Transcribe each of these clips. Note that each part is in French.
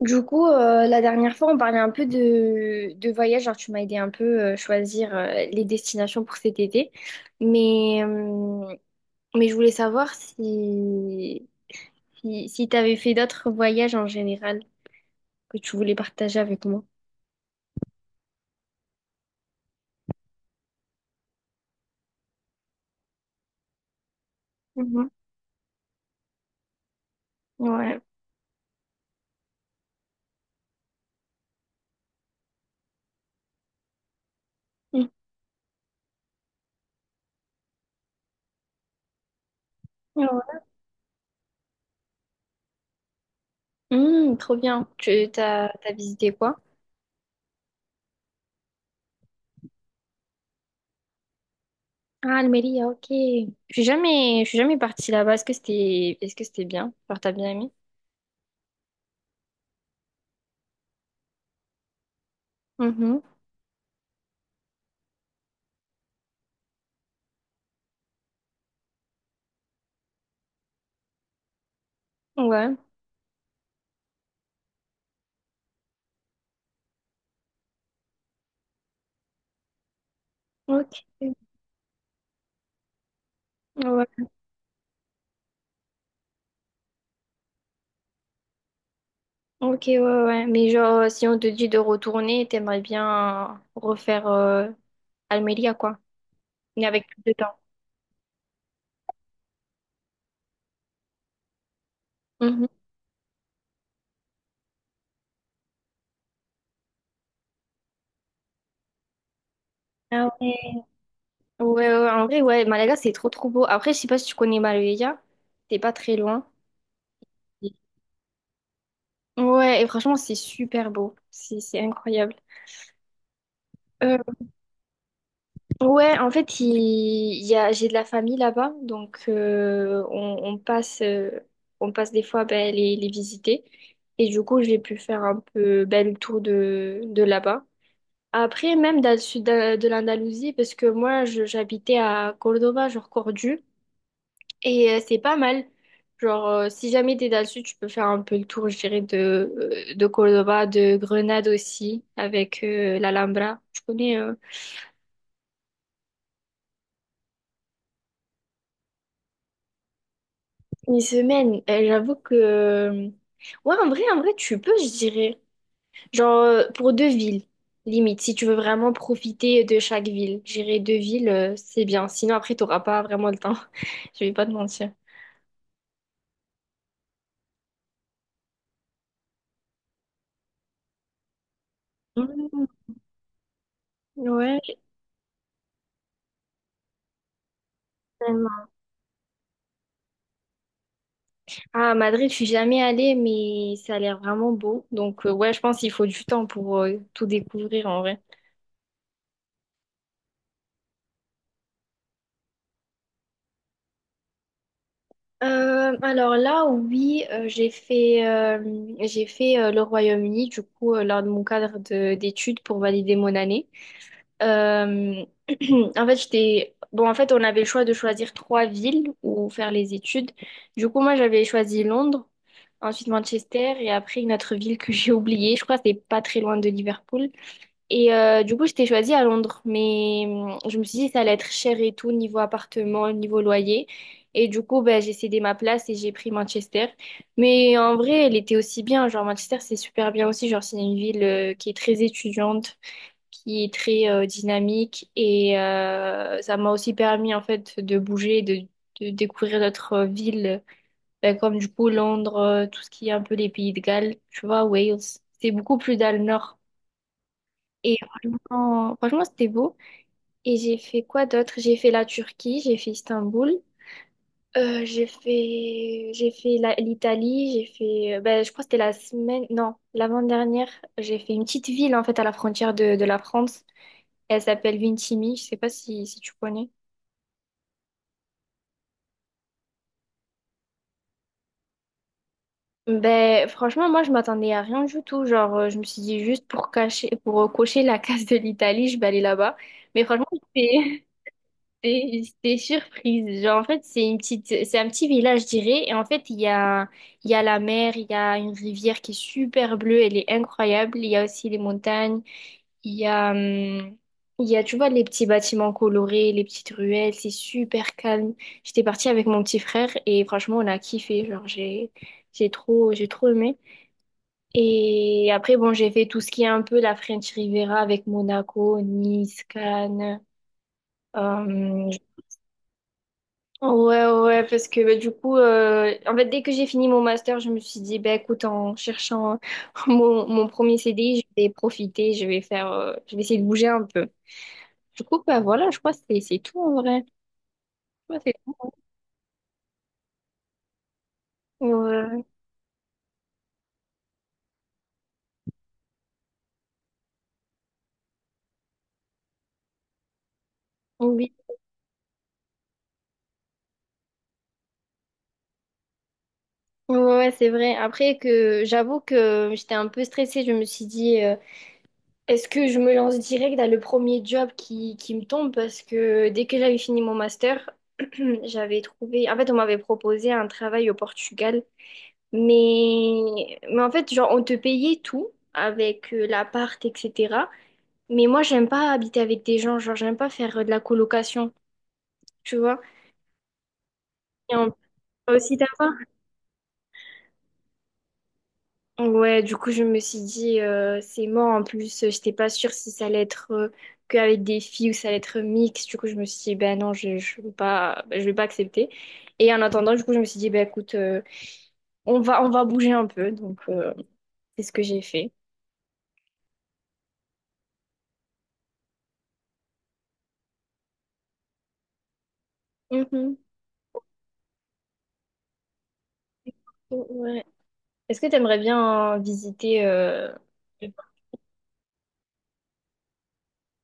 Du coup, la dernière fois, on parlait un peu de voyage. Genre, tu m'as aidé un peu choisir les destinations pour cet été. Mais, euh, mais je voulais savoir si tu avais fait d'autres voyages en général que tu voulais partager avec moi. Mhm. Ouais. Mhm. Ouais. Trop bien. T'as visité quoi? Ah, Almeria, ok. Je suis jamais partie là-bas. Est-ce que c'était bien? Genre, t'as bien aimé? Mhm. Ouais. Ok. Ouais. Ok, ouais, ouais. Ouais. Mais genre, si on te dit de retourner, t'aimerais bien refaire Almeria, quoi. Mais avec plus de temps. Mhm. Ah ouais. Ouais, ouais, ouais. En vrai, ouais, Malaga, c'est trop, trop beau. Après, je sais pas si tu connais Marbella. T'es pas très loin. Ouais, et franchement, c'est super beau. C'est incroyable. Euh, ouais, en fait, j'ai de la famille là-bas. Donc, on passe des fois ben, les visiter. Et du coup, j'ai pu faire un peu ben, le tour de là-bas. Après, même dans le sud de l'Andalousie, parce que moi, j'habitais à Cordoba, genre Cordoue, et c'est pas mal. Genre, si jamais t'es dans le sud, tu peux faire un peu le tour, je dirais, de Cordoba, de Grenade aussi, avec l'Alhambra. Je connais une semaine. J'avoue que, ouais, en vrai, tu peux, je dirais. Genre, pour deux villes, limite, si tu veux vraiment profiter de chaque ville. Je dirais deux villes, c'est bien. Sinon, après, t'auras pas vraiment le temps. Je vais pas te mentir. Mhm. Ouais, tellement. Ah, Madrid, je suis jamais allée, mais ça a l'air vraiment beau. Donc, ouais, je pense qu'il faut du temps pour tout découvrir en vrai. Alors là, oui, j'ai fait le Royaume-Uni, du coup, lors de mon cadre d'études pour valider mon année. Euh, En fait, j'étais. Bon, en fait, on avait le choix de choisir trois villes où faire les études. Du coup, moi, j'avais choisi Londres, ensuite Manchester, et après une autre ville que j'ai oubliée. Je crois que c'est pas très loin de Liverpool. Et du coup, j'étais choisie à Londres, mais je me suis dit que ça allait être cher et tout, niveau appartement, niveau loyer. Et du coup, ben, j'ai cédé ma place et j'ai pris Manchester. Mais en vrai, elle était aussi bien. Genre, Manchester, c'est super bien aussi. Genre, c'est une ville qui est très étudiante, qui est très dynamique. Et ça m'a aussi permis, en fait, de bouger, de découvrir d'autres villes, ben, comme du coup Londres, tout ce qui est un peu les pays de Galles, tu vois, Wales. C'est beaucoup plus dans le nord. Et franchement, franchement, c'était beau. Et j'ai fait quoi d'autre? J'ai fait la Turquie, j'ai fait Istanbul, j'ai fait l'Italie, j'ai fait, ben, je crois que c'était la semaine, non, l'avant-dernière, j'ai fait une petite ville en fait à la frontière de la France. Elle s'appelle Vintimille, je sais pas si tu connais. Ben, franchement, moi, je m'attendais à rien du tout. Genre, je me suis dit juste pour cacher, pour cocher la case de l'Italie, je vais aller là-bas. Mais franchement, c'est- j'étais surprise. Genre, en fait, c'est un petit village, je dirais. Et en fait, il y a la mer, il y a une rivière qui est super bleue, elle est incroyable. Il y a aussi les montagnes. Il y a, hum, il y a, tu vois, les petits bâtiments colorés, les petites ruelles, c'est super calme. J'étais partie avec mon petit frère et franchement, on a kiffé. Genre, j'ai trop aimé. Et après, bon, j'ai fait tout ce qui est un peu la French Riviera avec Monaco, Nice, Cannes. Euh, Ouais, ouais, ouais, parce que bah, du coup, en fait, dès que j'ai fini mon master, je me suis dit, bah, écoute, en cherchant mon premier CDI, je vais profiter, je vais essayer de bouger un peu. Du coup, bah, voilà, je crois que c'est tout en vrai. Je crois que c'est tout. Ouais, oui, ouais, ouais, ouais, c'est vrai. Après que j'avoue que j'étais un peu stressée, je me suis dit, est-ce que je me lance direct dans le premier job qui me tombe? Parce que dès que j'avais fini mon master, j'avais trouvé, en fait, on m'avait proposé un travail au Portugal. Mais en fait, genre, on te payait tout avec l'appart, etc. Mais moi, j'aime pas habiter avec des gens, genre, j'aime pas faire de la colocation, tu vois. Et on peut aussi t'avoir. Ouais, du coup, je me suis dit, c'est mort. En plus, j'étais pas sûre si ça allait être qu'avec des filles ou ça allait être mixte. Du coup, je me suis dit, ben non, je veux pas, ben, je vais pas accepter. Et en attendant, du coup, je me suis dit, ben écoute, on va bouger un peu. Donc, c'est ce que j'ai fait. Mhm. Ouais. Est-ce que tu aimerais bien visiter?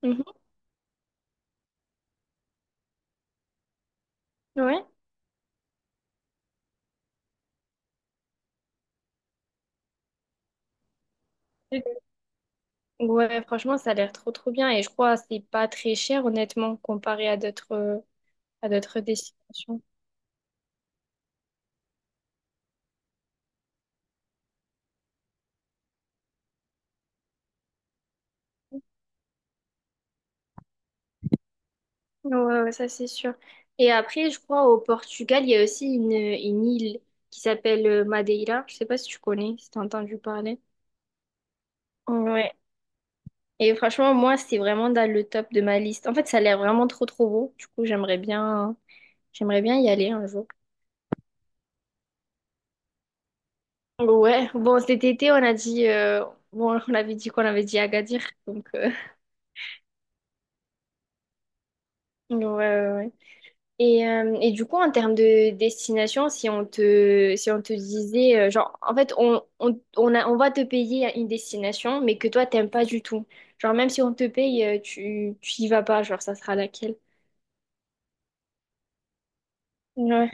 Mhm. Ouais. Ouais, franchement, ça a l'air trop trop bien et je crois que c'est pas très cher honnêtement comparé à d'autres destinations. Ouais, ouais, ça c'est sûr. Et après, je crois au Portugal, il y a aussi une île qui s'appelle Madeira. Je sais pas si tu connais, si t'as entendu parler. Ouais. Et franchement, moi, c'est vraiment dans le top de ma liste. En fait, ça a l'air vraiment trop trop beau. Du coup, j'aimerais bien y aller un jour. Ouais, bon, cet été, on a dit, bon, on avait dit qu'on avait dit Agadir, donc, ouais, ouais, ouais. Et du coup, en termes de destination, si on te disait, genre, en fait, on va te payer une destination, mais que toi, t'aimes pas du tout. Genre, même si on te paye, tu y vas pas, genre, ça sera laquelle? Ouais.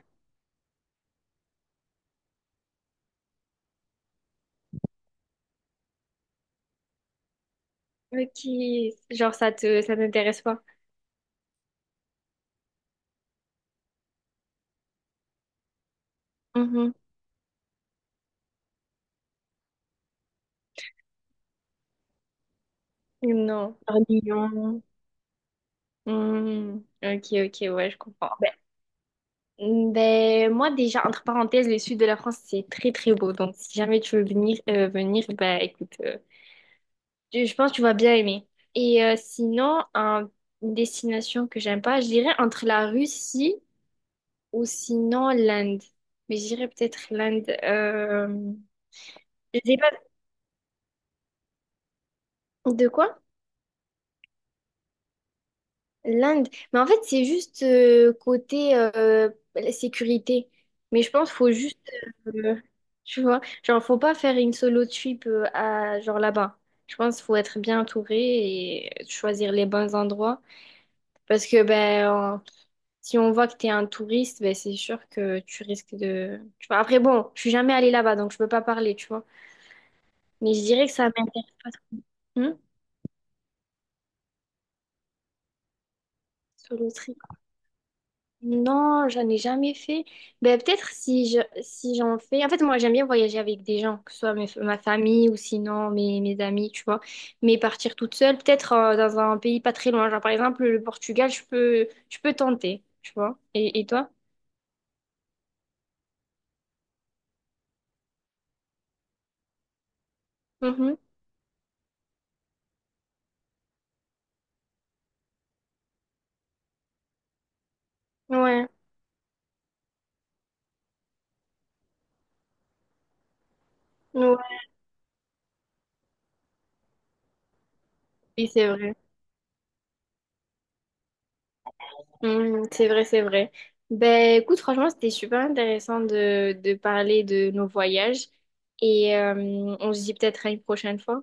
Ok, genre, ça t'intéresse pas? Mhm. Non. Par Lyon. Mhm. Ok, ok, ouais, je comprends. Ben. Ben, moi, déjà, entre parenthèses, le sud de la France, c'est très, très beau. Donc, si jamais tu veux venir, ben, écoute, je pense que tu vas bien aimer. Et sinon, une destination que j'aime pas, je dirais entre la Russie ou sinon l'Inde. Mais je dirais peut-être l'Inde. Je sais pas de quoi? L'Inde, mais en fait, c'est juste côté la sécurité. Mais je pense qu'il faut juste, euh, tu vois, genre, faut pas faire une solo trip à, genre là-bas. Je pense qu'il faut être bien entouré et choisir les bons endroits. Parce que ben, si on voit que tu es un touriste, ben, c'est sûr que tu risques de. Tu vois, après, bon, je suis jamais allée là-bas, donc je peux pas parler, tu vois. Mais je dirais que ça m'intéresse pas trop. Hmm. Solo trip. Non, j'en ai jamais fait. Ben, peut-être si j'en fais. En fait, moi, j'aime bien voyager avec des gens, que ce soit ma famille ou sinon mes amis, tu vois. Mais partir toute seule, peut-être dans un pays pas très loin. Genre, par exemple, le Portugal, je peux tenter, tu vois. Et toi? Mhm. Ouais, ouais. Oui, c'est vrai. Mhm, c'est vrai, c'est vrai. Ben, écoute, franchement, c'était super intéressant de parler de nos voyages. Et on se dit peut-être à une prochaine fois.